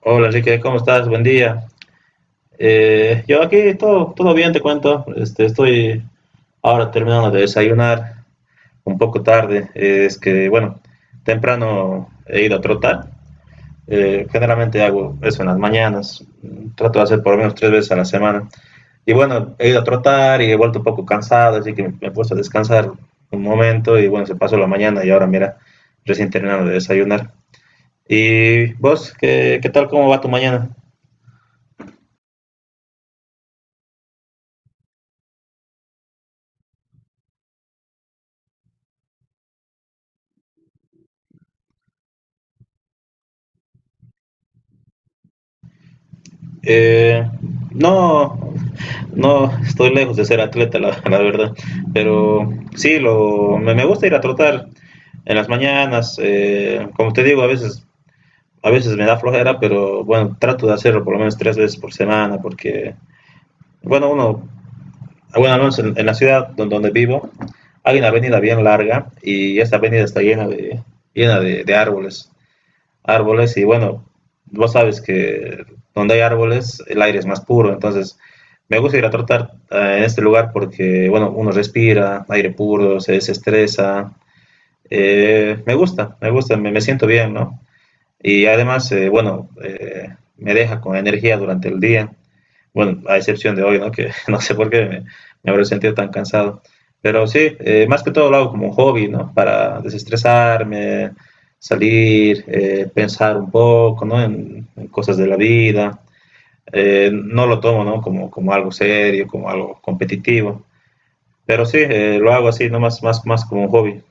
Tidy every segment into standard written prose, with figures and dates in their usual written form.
Hola Enrique, ¿cómo estás? Buen día. Yo aquí todo bien, te cuento. Estoy ahora terminando de desayunar, un poco tarde. Es que, bueno, temprano he ido a trotar. Generalmente hago eso en las mañanas. Trato de hacer por lo menos tres veces a la semana. Y bueno, he ido a trotar y he vuelto un poco cansado, así que me he puesto a descansar un momento y bueno, se pasó la mañana y ahora mira, recién terminando de desayunar. ¿Y vos, qué tal? ¿Cómo va tu mañana? Eh, no, no, estoy lejos de ser atleta, la, la verdad. Pero sí, me gusta ir a trotar en las mañanas. Como te digo, a veces me da flojera, pero bueno, trato de hacerlo por lo menos tres veces por semana, porque, bueno, al menos en la ciudad donde vivo, hay una avenida bien larga y esta avenida está llena de árboles y bueno, vos sabes que donde hay árboles el aire es más puro, entonces me gusta ir a trotar en este lugar porque, bueno, uno respira aire puro, se desestresa, me siento bien, ¿no? Y además, bueno, me deja con energía durante el día. Bueno, a excepción de hoy, ¿no? Que no sé por qué me habré sentido tan cansado. Pero sí, más que todo lo hago como un hobby, ¿no? Para desestresarme, salir, pensar un poco, ¿no? En cosas de la vida. No lo tomo, ¿no? Como algo serio, como algo competitivo. Pero sí, lo hago así, no más como un hobby.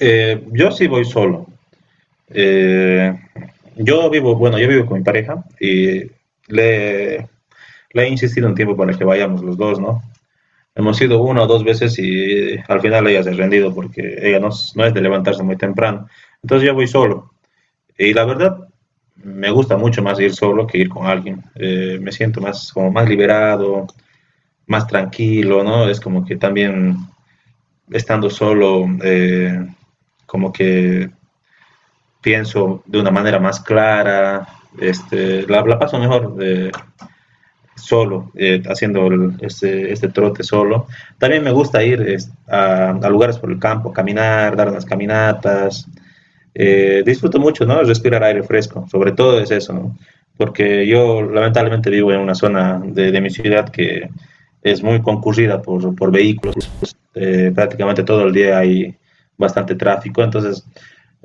Yo sí voy solo. Eh, yo vivo con mi pareja y le, Le he insistido un tiempo para que vayamos los dos, ¿no? Hemos ido una o dos veces y al final ella se ha rendido porque ella no es de levantarse muy temprano. Entonces yo voy solo. Y la verdad, me gusta mucho más ir solo que ir con alguien. Me siento más, como más liberado, más tranquilo, ¿no? Es como que también estando solo, como que pienso de una manera más clara, la paso mejor. Solo, haciendo este trote solo. También me gusta ir a lugares por el campo, caminar, dar unas caminatas. Disfruto mucho, ¿no? Respirar aire fresco, sobre todo es eso, ¿no? Porque yo lamentablemente vivo en una zona de mi ciudad que es muy concurrida por vehículos. Prácticamente todo el día hay bastante tráfico, entonces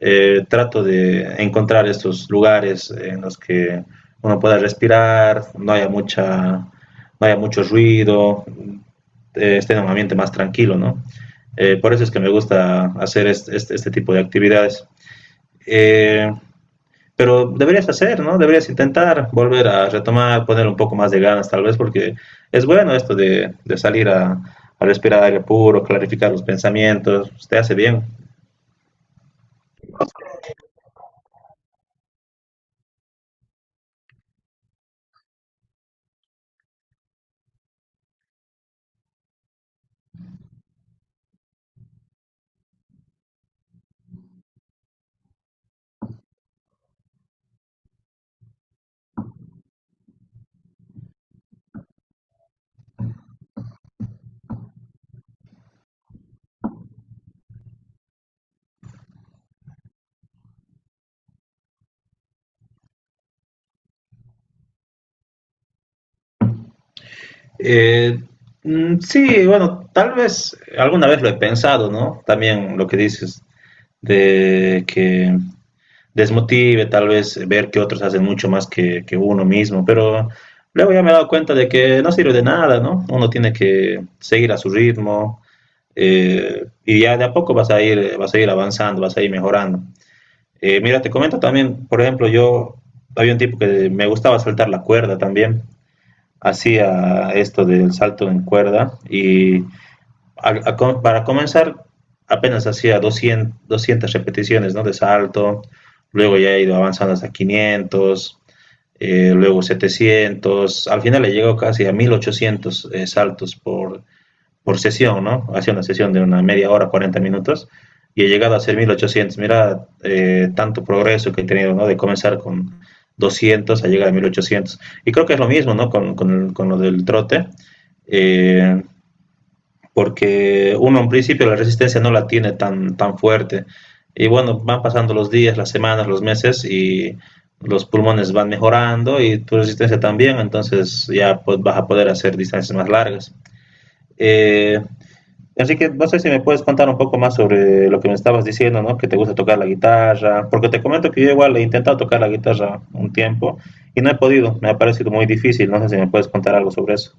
trato de encontrar estos lugares en los que uno pueda respirar, no haya mucho ruido, esté en un ambiente más tranquilo, ¿no? Por eso es que me gusta hacer este tipo de actividades. Eh, pero deberías hacer, ¿no? Deberías intentar volver a retomar, poner un poco más de ganas tal vez, porque es bueno esto de salir respirar aire puro, clarificar los pensamientos, te hace bien. Eh, mm, sí, bueno, tal vez alguna vez lo he pensado, ¿no? También lo que dices de que desmotive tal vez ver que otros hacen mucho más que uno mismo, pero luego ya me he dado cuenta de que no sirve de nada, ¿no? Uno tiene que seguir a su ritmo. Y ya de a poco vas a ir avanzando, vas a ir mejorando. Mira, te comento también, por ejemplo, yo había un tipo que me gustaba saltar la cuerda también, hacía esto del salto en cuerda y para comenzar, apenas hacía 200 repeticiones, ¿no? De salto, luego ya he ido avanzando hasta 500, luego 700, al final he llegado casi a 1800 saltos por sesión, ¿no? Hacía una sesión de una media hora, 40 minutos, y he llegado a hacer 1800. Mira, tanto progreso que he tenido, ¿no? De comenzar con 200 a llegar a 1800. Y creo que es lo mismo, ¿no? Con lo del trote. Eh, porque uno en principio la resistencia no la tiene tan, tan fuerte. Y bueno, van pasando los días, las semanas, los meses y los pulmones van mejorando y tu resistencia también, entonces ya pues, vas a poder hacer distancias más largas. Eh, así que no sé si me puedes contar un poco más sobre lo que me estabas diciendo, ¿no? Que te gusta tocar la guitarra, porque te comento que yo igual he intentado tocar la guitarra un tiempo y no he podido, me ha parecido muy difícil, no sé si me puedes contar algo sobre eso.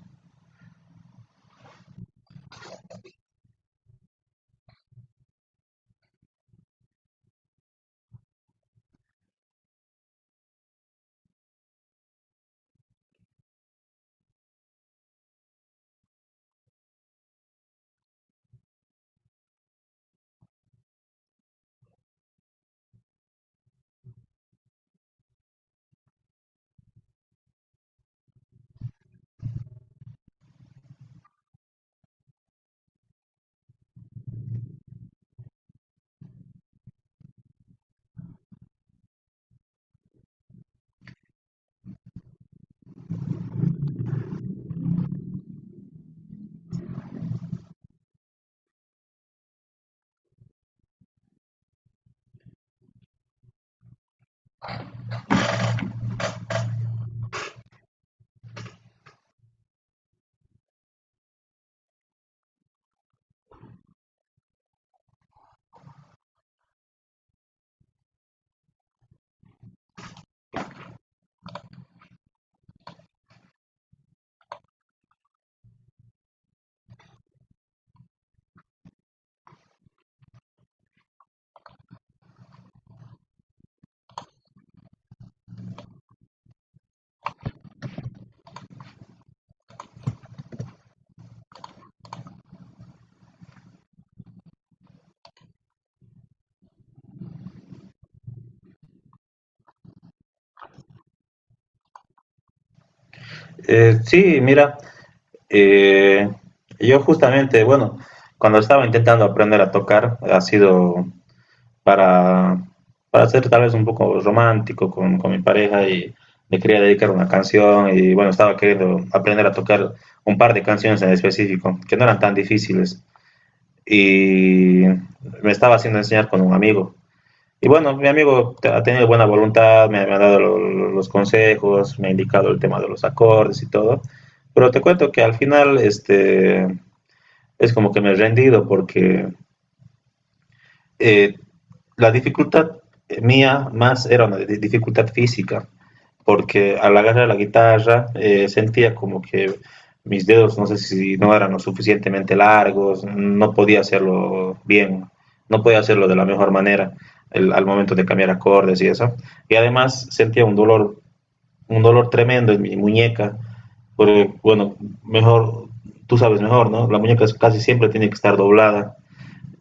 Sí, mira. Eh, yo justamente, bueno, cuando estaba intentando aprender a tocar, ha sido para, para ser tal vez un poco romántico con mi pareja y le quería dedicar una canción y bueno, estaba queriendo aprender a tocar un par de canciones en específico, que no eran tan difíciles. Y me estaba haciendo enseñar con un amigo y bueno, mi amigo ha tenido buena voluntad, me ha dado los consejos, me ha indicado el tema de los acordes y todo. Pero te cuento que al final es como que me he rendido porque eh, la dificultad mía más era una dificultad física porque al agarrar la guitarra sentía como que mis dedos, no sé si no eran lo suficientemente largos, no podía hacerlo bien, no podía hacerlo de la mejor manera al momento de cambiar acordes y eso. Y además sentía un dolor tremendo en mi muñeca, porque bueno, mejor, tú sabes mejor, ¿no? La muñeca casi siempre tiene que estar doblada,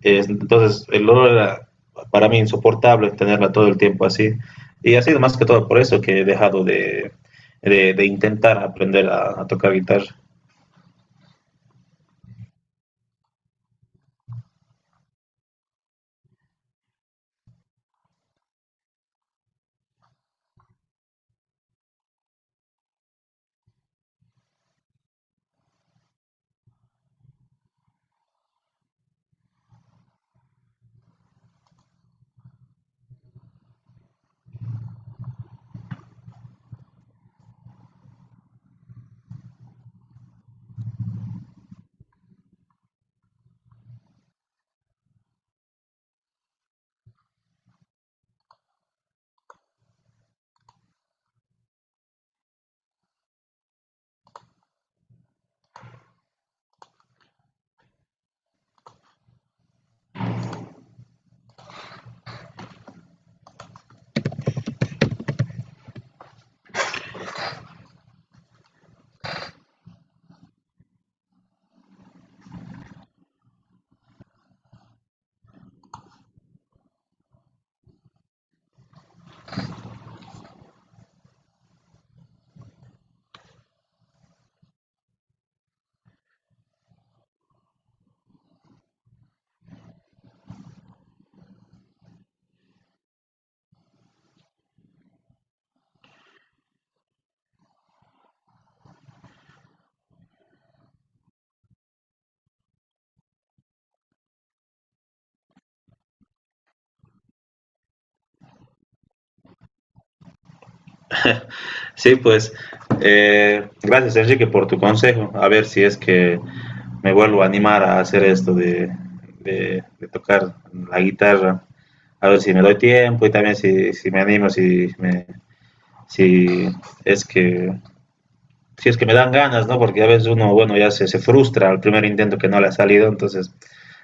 entonces, el olor era para mí insoportable tenerla todo el tiempo así. Y ha sido más que todo por eso que he dejado de intentar aprender tocar guitarra. Sí, pues, gracias Enrique por tu consejo. A ver si es que me vuelvo a animar a hacer esto de tocar la guitarra. A ver si me doy tiempo y también si me animo, si es que si es que me dan ganas, ¿no? Porque a veces uno, bueno, ya se frustra al primer intento que no le ha salido, entonces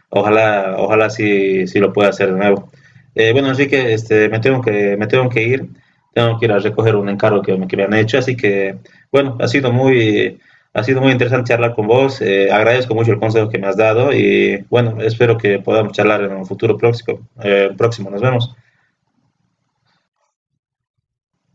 ojalá, ojalá sí, sí lo pueda hacer de nuevo. Bueno, Enrique, me tengo que ir a recoger un encargo que me han hecho, así que, bueno, ha sido muy interesante charlar con vos, agradezco mucho el consejo que me has dado y, bueno, espero que podamos charlar en un futuro próximo. Nos vemos.